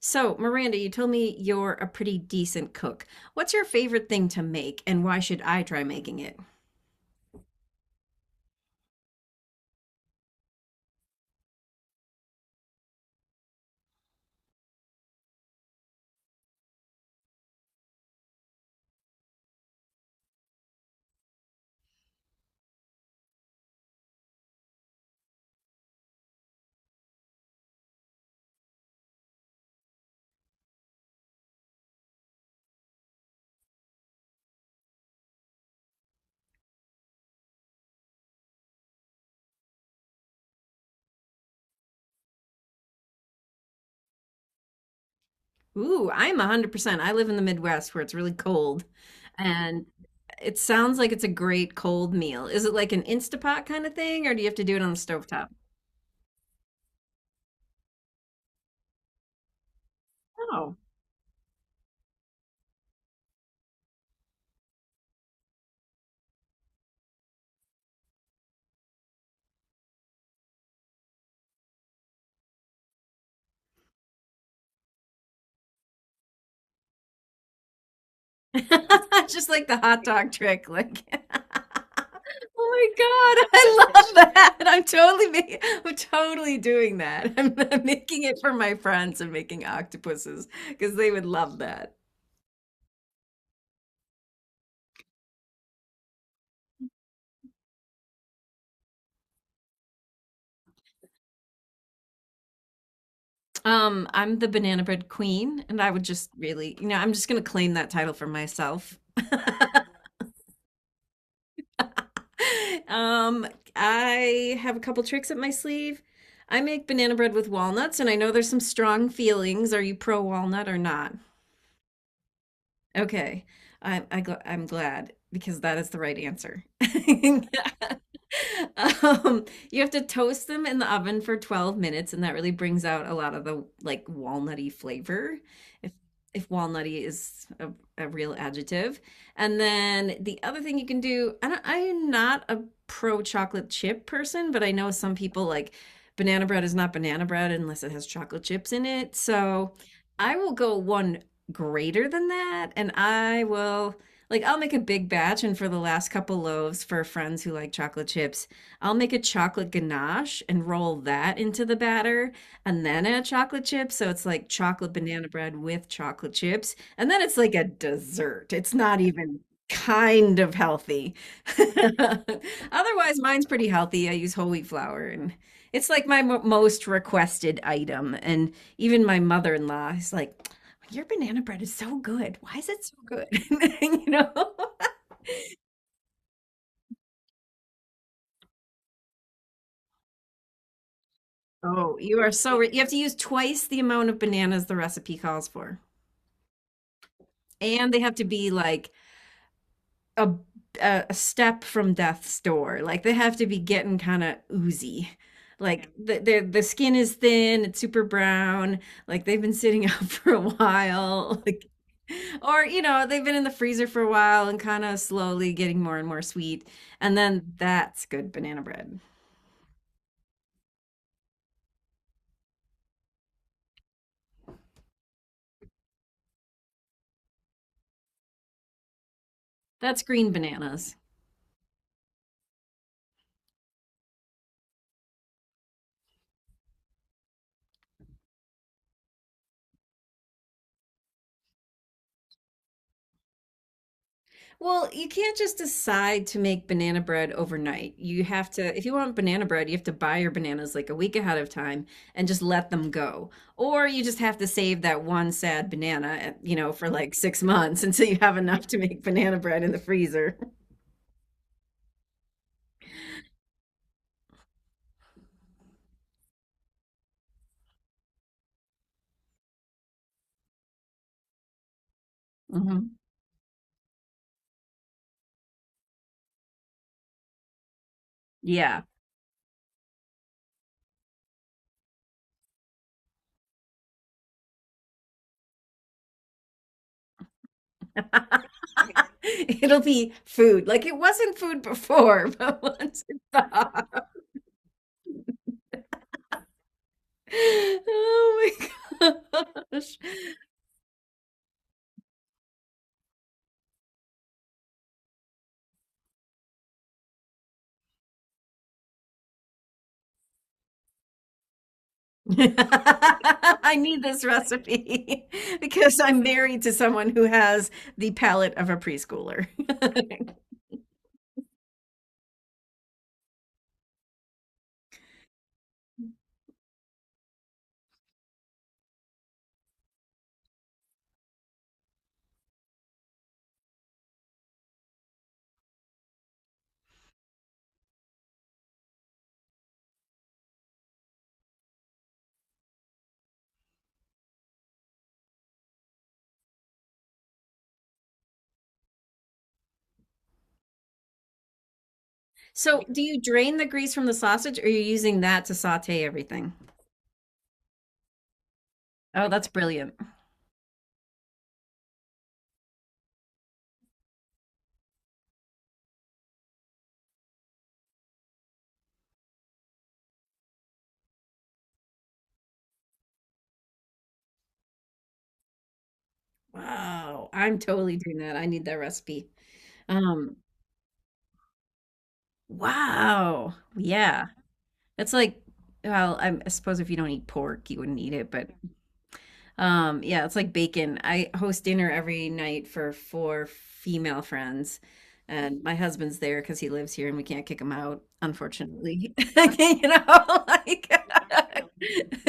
So, Miranda, you told me you're a pretty decent cook. What's your favorite thing to make, and why should I try making it? Ooh, I'm 100%. I live in the Midwest where it's really cold, and it sounds like it's a great cold meal. Is it like an Instapot kind of thing, or do you have to do it on the stovetop? Oh. Just like the hot dog trick, like. Oh my God, I love that. I'm totally making, I'm totally doing that. I'm making it for my friends and making octopuses because they would love that. I'm the banana bread queen, and I would just really, you know, I'm just gonna claim that title for myself. Um, I have a couple tricks up my sleeve. I make banana bread with walnuts, and I know there's some strong feelings. Are you pro walnut or not? Okay, I'm glad because that is the right answer. um, you have to toast them in the oven for 12 minutes, and that really brings out a lot of the like walnutty flavor, if if walnutty is a real adjective. And then the other thing you can do, I'm not a pro chocolate chip person, but I know some people like banana bread is not banana bread unless it has chocolate chips in it. So I will go one greater than that, and I will like I'll make a big batch, and for the last couple loaves for friends who like chocolate chips, I'll make a chocolate ganache and roll that into the batter and then add chocolate chips. So it's like chocolate banana bread with chocolate chips. And then it's like a dessert. It's not even kind of healthy. Otherwise, mine's pretty healthy. I use whole wheat flour, and it's like my mo most requested item. And even my mother-in-law is like, your banana bread is so good. Why is it so good? You know? Oh, you are you have to use twice the amount of bananas the recipe calls for. And they have to be like a a step from death's door. Like they have to be getting kind of oozy. Like the skin is thin, it's super brown. Like they've been sitting out for a while. Like, or you know, they've been in the freezer for a while and kind of slowly getting more and more sweet. And then that's good banana bread. That's green bananas. Well, you can't just decide to make banana bread overnight. You have to, if you want banana bread, you have to buy your bananas like a week ahead of time and just let them go. Or you just have to save that one sad banana, eh, you know, for like 6 months until you have enough to make banana bread in the freezer. Hmm. Yeah. It'll be food. Like it wasn't food before, but once it's thawed. Oh my gosh. I need this recipe because I'm married to someone who has the palate of a preschooler. So, do you drain the grease from the sausage, or are you using that to saute everything? Oh, that's brilliant. Wow, I'm totally doing that. I need that recipe. Um, wow. Yeah. That's like, well, I suppose if you don't eat pork, you wouldn't eat it, but. Yeah, it's like bacon. I host dinner every night for four female friends, and my husband's there because he lives here and we can't kick him out, unfortunately. You know, like,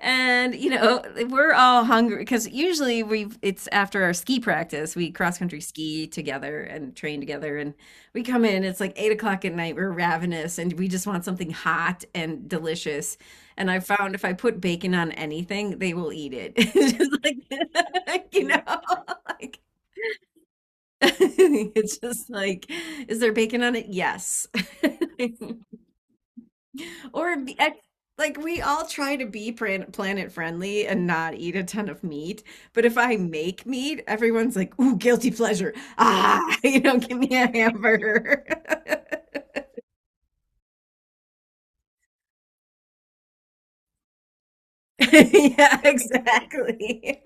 and you know, we're all hungry because usually we've it's after our ski practice. We cross country ski together and train together, and we come in. It's like 8 o'clock at night. We're ravenous, and we just want something hot and delicious, and I found if I put bacon on anything, they will eat it. It's just like, you know, like it's just like, is there bacon on it? Yes. Or be- I- like we all try to be planet friendly and not eat a ton of meat. But if I make meat, everyone's like, ooh, guilty pleasure. Ah, you know, give me a hamburger. Yeah, exactly.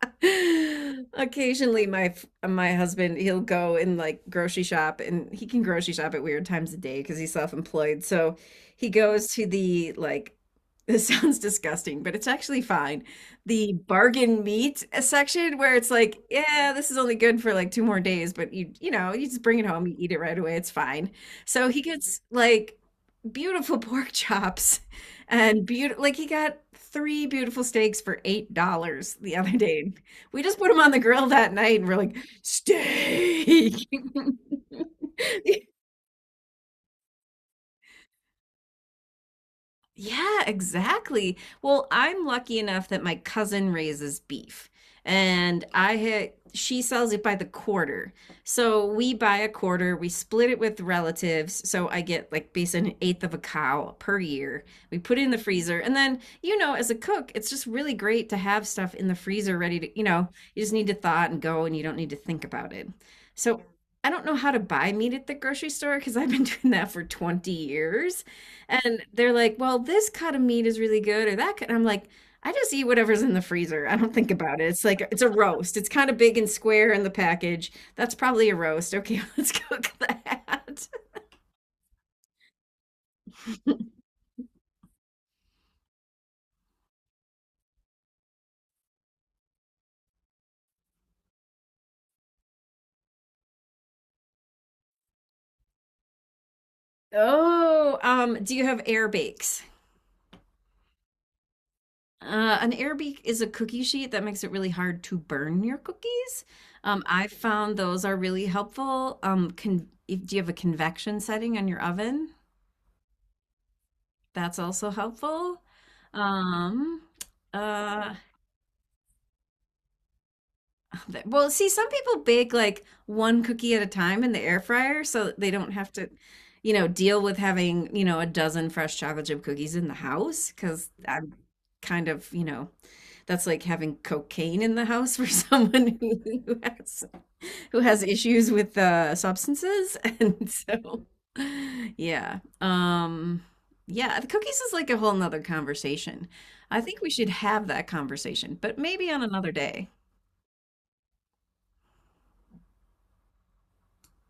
Occasionally, my husband, he'll go and like grocery shop, and he can grocery shop at weird times of day because he's self-employed. So he goes to the like. This sounds disgusting, but it's actually fine. The bargain meat section where it's like, yeah, this is only good for like two more days, but you know you just bring it home, you eat it right away, it's fine. So he gets like beautiful pork chops and beautiful, like he got three beautiful steaks for $8 the other day. We just put them on the grill that night, and we're like, steak. Yeah, exactly. Well, I'm lucky enough that my cousin raises beef, and I ha she sells it by the quarter. So we buy a quarter, we split it with relatives. So I get like basically an eighth of a cow per year. We put it in the freezer. And then, you know, as a cook, it's just really great to have stuff in the freezer ready to, you know, you just need to thaw it and go and you don't need to think about it. So I don't know how to buy meat at the grocery store because I've been doing that for 20 years. And they're like, well, this cut of meat is really good, or that cut. I'm like, I just eat whatever's in the freezer. I don't think about it. It's like, it's a roast. It's kind of big and square in the package. That's probably a roast. Okay, let's cook that. Oh, do you have air bakes? An air bake is a cookie sheet that makes it really hard to burn your cookies. I found those are really helpful. Con if, do you have a convection setting on your oven? That's also helpful. Um, uh, Well, see, some people bake like one cookie at a time in the air fryer so that they don't have to, you know, deal with having, you know, a dozen fresh chocolate chip cookies in the house because I'm kind of, you know, that's like having cocaine in the house for someone who has issues with substances. And so, yeah. Yeah, the cookies is like a whole nother conversation. I think we should have that conversation, but maybe on another day.